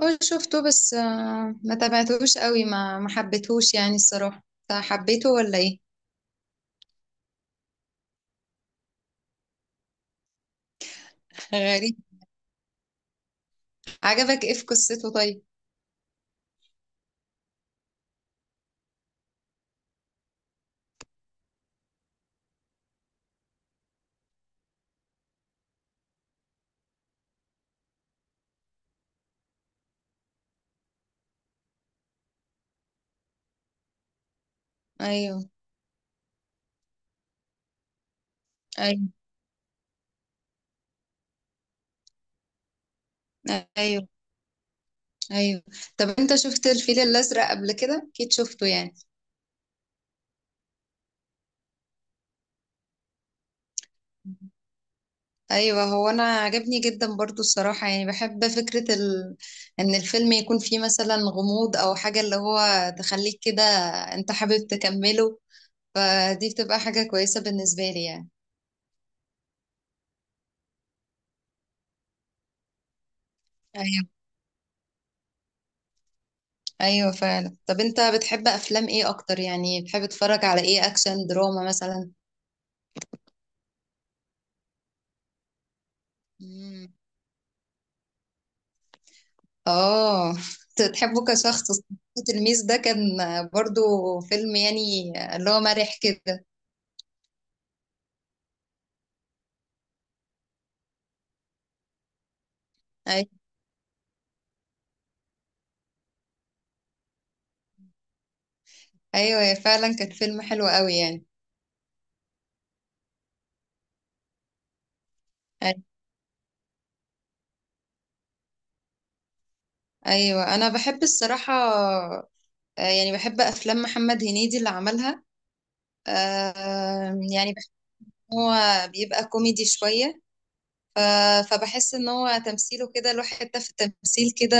هو شفته بس آه، ما تابعتهوش قوي، ما حبيتهوش يعني الصراحة. انت حبيته ولا ايه؟ غريب. عجبك ايه في قصته طيب؟ ايوه، ايوه، ايوه، ايوه. طب انت شفت الفيل الازرق قبل كده؟ اكيد شفته يعني. ايوه، هو انا عجبني جدا برضو الصراحة، يعني بحب فكرة ان الفيلم يكون فيه مثلا غموض او حاجة اللي هو تخليك كده، انت حابب تكمله، فدي بتبقى حاجة كويسة بالنسبة لي يعني. أيوه. ايوه فعلا. طب انت بتحب افلام ايه اكتر؟ يعني بتحب تتفرج على ايه، اكشن دراما مثلا؟ مم. اه. تحبه كشخص؟ التلميذ ده كان برضو فيلم يعني اللي هو مرح كده. أي- ايوه فعلا، كان فيلم حلو قوي يعني. أي- ايوه انا بحب الصراحة، يعني بحب افلام محمد هنيدي اللي عملها، يعني بحس ان هو بيبقى كوميدي شوية. ف- فبحس ان هو تمثيله كده له حتة في التمثيل كده،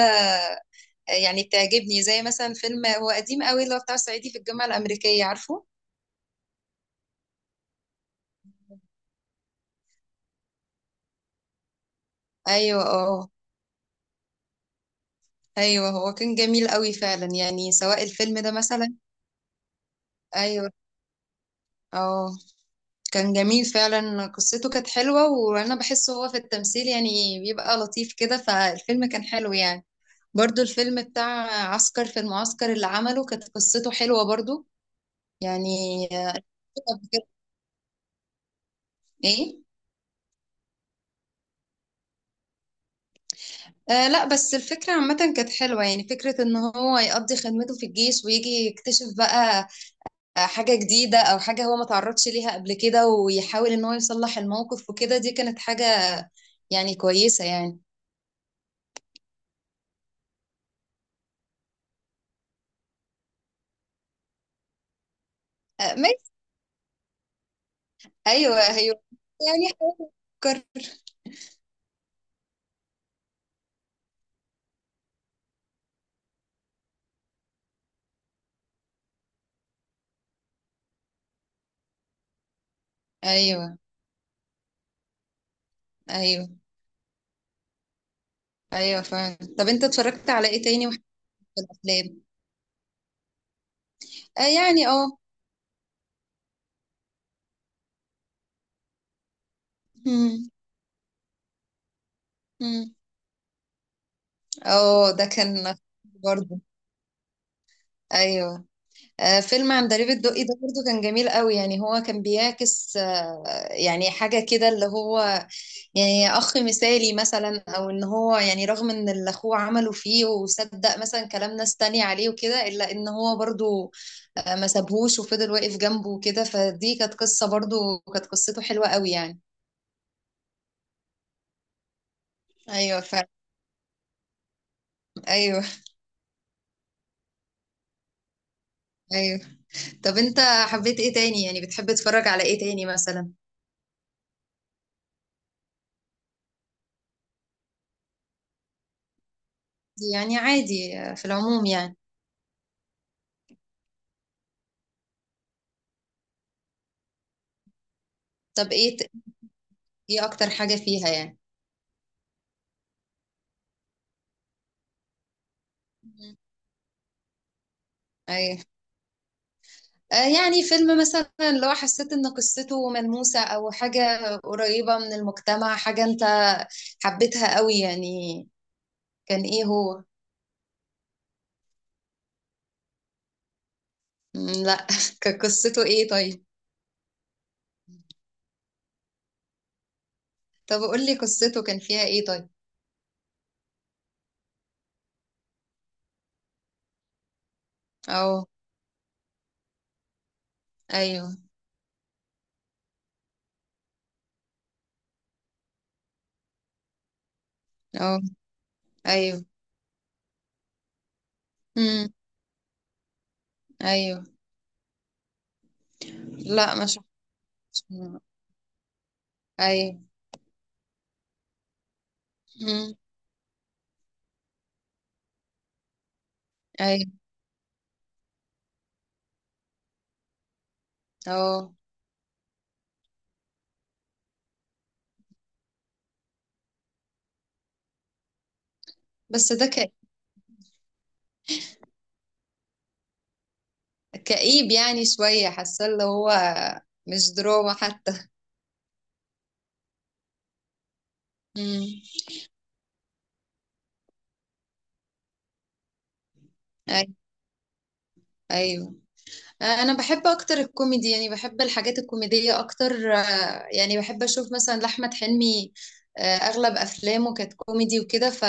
يعني بتعجبني، زي مثلا فيلم هو قديم قوي اللي هو بتاع صعيدي في الجامعة الأمريكية، عارفه. أيوه، اه. أيوه، هو كان جميل قوي فعلا يعني، سواء الفيلم ده مثلا. أيوه، اه. كان جميل فعلا، قصته كانت حلوة، وأنا بحس هو في التمثيل يعني بيبقى لطيف كده، فالفيلم كان حلو يعني. برضو الفيلم بتاع عسكر في المعسكر اللي عمله، كانت قصته حلوة برضو يعني. آه، قبل كده ايه. آه لا، بس الفكرة عامة كانت حلوة، يعني فكرة ان هو يقضي خدمته في الجيش ويجي يكتشف بقى حاجة جديدة او حاجة هو ما تعرضش ليها قبل كده، ويحاول ان هو يصلح الموقف وكده. دي كانت حاجة يعني كويسة يعني. آه ماشي. ايوه، ايوه. يعني فكر. ايوه، ايوه، ايوه فعلا. طب انت اتفرجت على ايه تاني وحبيت الافلام؟ آه يعني اه. مم، مم. اه ده كان برضه ايوه. آه، فيلم عندليب الدقي ده برضو كان جميل قوي يعني، هو كان بيعكس يعني حاجة كده اللي هو يعني أخ مثالي مثلا، أو إن هو يعني رغم إن اللي أخوه عمله فيه وصدق مثلا كلام ناس تانية عليه وكده، إلا إن هو برضو ما سابهوش وفضل واقف جنبه وكده. فدي كانت قصة برضو، كانت قصته حلوة قوي يعني. أيوة فعلا. أيوة، أيوة. طب أنت حبيت إيه تاني؟ يعني بتحب تتفرج على إيه تاني مثلا؟ يعني عادي آه، في العموم يعني. طب ايه اكتر حاجة فيها يعني؟ مم. ايوه. آه يعني فيلم مثلا لو حسيت ان قصته ملموسة او حاجة قريبة من المجتمع، حاجة انت حبيتها قوي يعني. كان ايه هو؟ مم، لا. كان قصته ايه طيب؟ طب قول لي قصته كان فيها ايه طيب؟ اه، ايوه، اه، ايوه، امم، ايوه. لا ما شفتش. ايوه، امم، ايوه، اه. بس ده كئيب يعني شوية، حاسة اللي هو مش دراما حتى. امم، ايوه. انا بحب اكتر الكوميدي، يعني بحب الحاجات الكوميديه اكتر، يعني بحب اشوف مثلا لاحمد حلمي، آه، اغلب افلامه كانت كوميدي وكده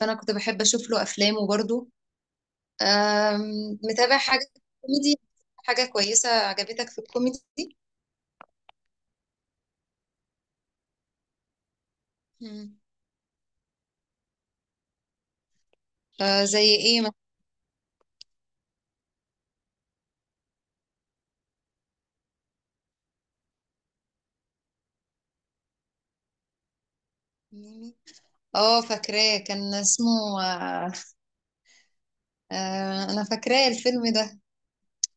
فانا كنت بحب اشوف له افلامه برضو. آم، متابع حاجه كوميدي، حاجه كويسه عجبتك في الكوميدي؟ مم. آه، زي ايه مثلا؟ ميمي. اه، فاكراه كان اسمه انا فاكراه الفيلم ده،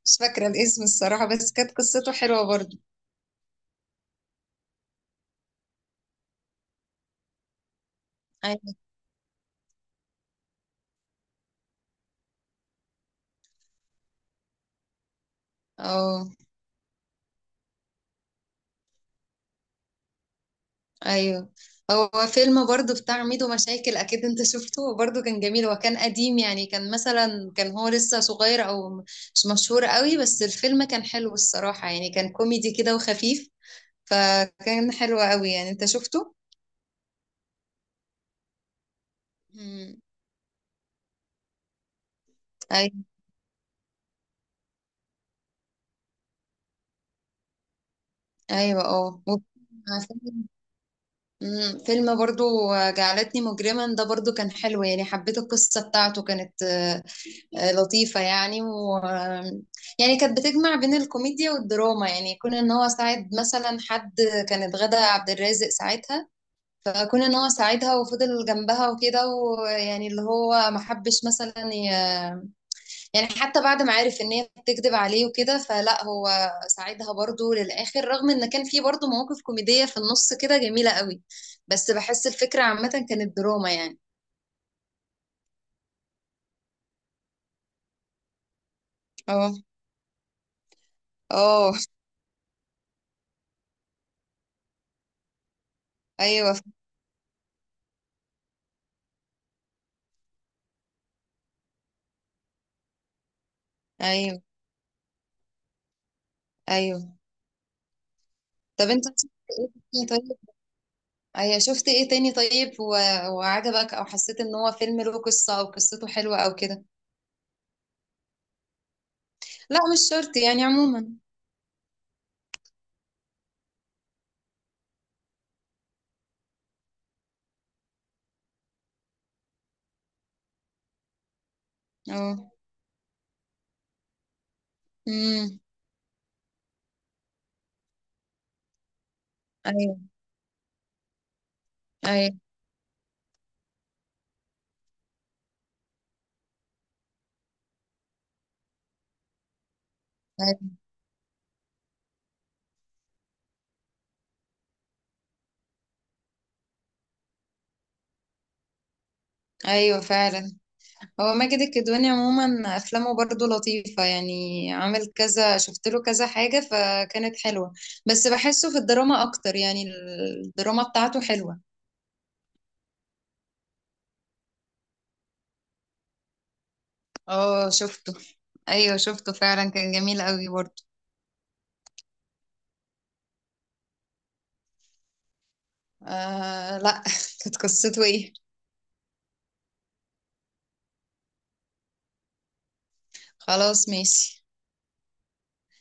مش فاكره الاسم الصراحه، بس كانت قصته حلوه برضو. ايوه، اه، ايوه. هو فيلم برضو بتاع ميدو مشاكل اكيد انت شفته، هو برضو كان جميل، هو كان قديم يعني، كان مثلا كان هو لسه صغير او مش مشهور قوي، بس الفيلم كان حلو الصراحة يعني، كان كوميدي كده وخفيف، فكان حلو قوي يعني، انت شفته؟ مم. ايوه، ايوه، اه. فيلم، فيلم برضو جعلتني مجرما ده برضو كان حلو يعني، حبيت القصة بتاعته، كانت لطيفة يعني، و يعني كانت بتجمع بين الكوميديا والدراما، يعني كون ان هو ساعد مثلا حد، كانت غادة عبد الرازق ساعتها، كون ان هو ساعدها وفضل جنبها وكده، ويعني اللي هو ما حبش مثلا يعني حتى بعد ما عرف ان هي بتكذب عليه وكده، فلا هو ساعدها برضو للآخر، رغم ان كان في برضو مواقف كوميدية في النص كده جميلة قوي، بس بحس الفكرة عامة كانت دراما يعني. اه، اه، ايوه، ايوه، ايوه. طب انت طيب. ايوه، شفت ايه تاني طيب وعجبك او حسيت ان هو فيلم له قصة او قصته حلوة او كده؟ لا مش شرط يعني عموما. اه، امم، ايوه، ايوه، ايوه، ايوه فعلا. هو ماجد الكدواني عموما افلامه برضو لطيفة يعني، عامل كذا شفت له كذا حاجة فكانت حلوة، بس بحسه في الدراما اكتر يعني، الدراما بتاعته حلوة. اه شفته. ايوه شفته فعلا، كان جميل قوي برضو. آه لا. كانت قصته ايه؟ خلاص ماشي.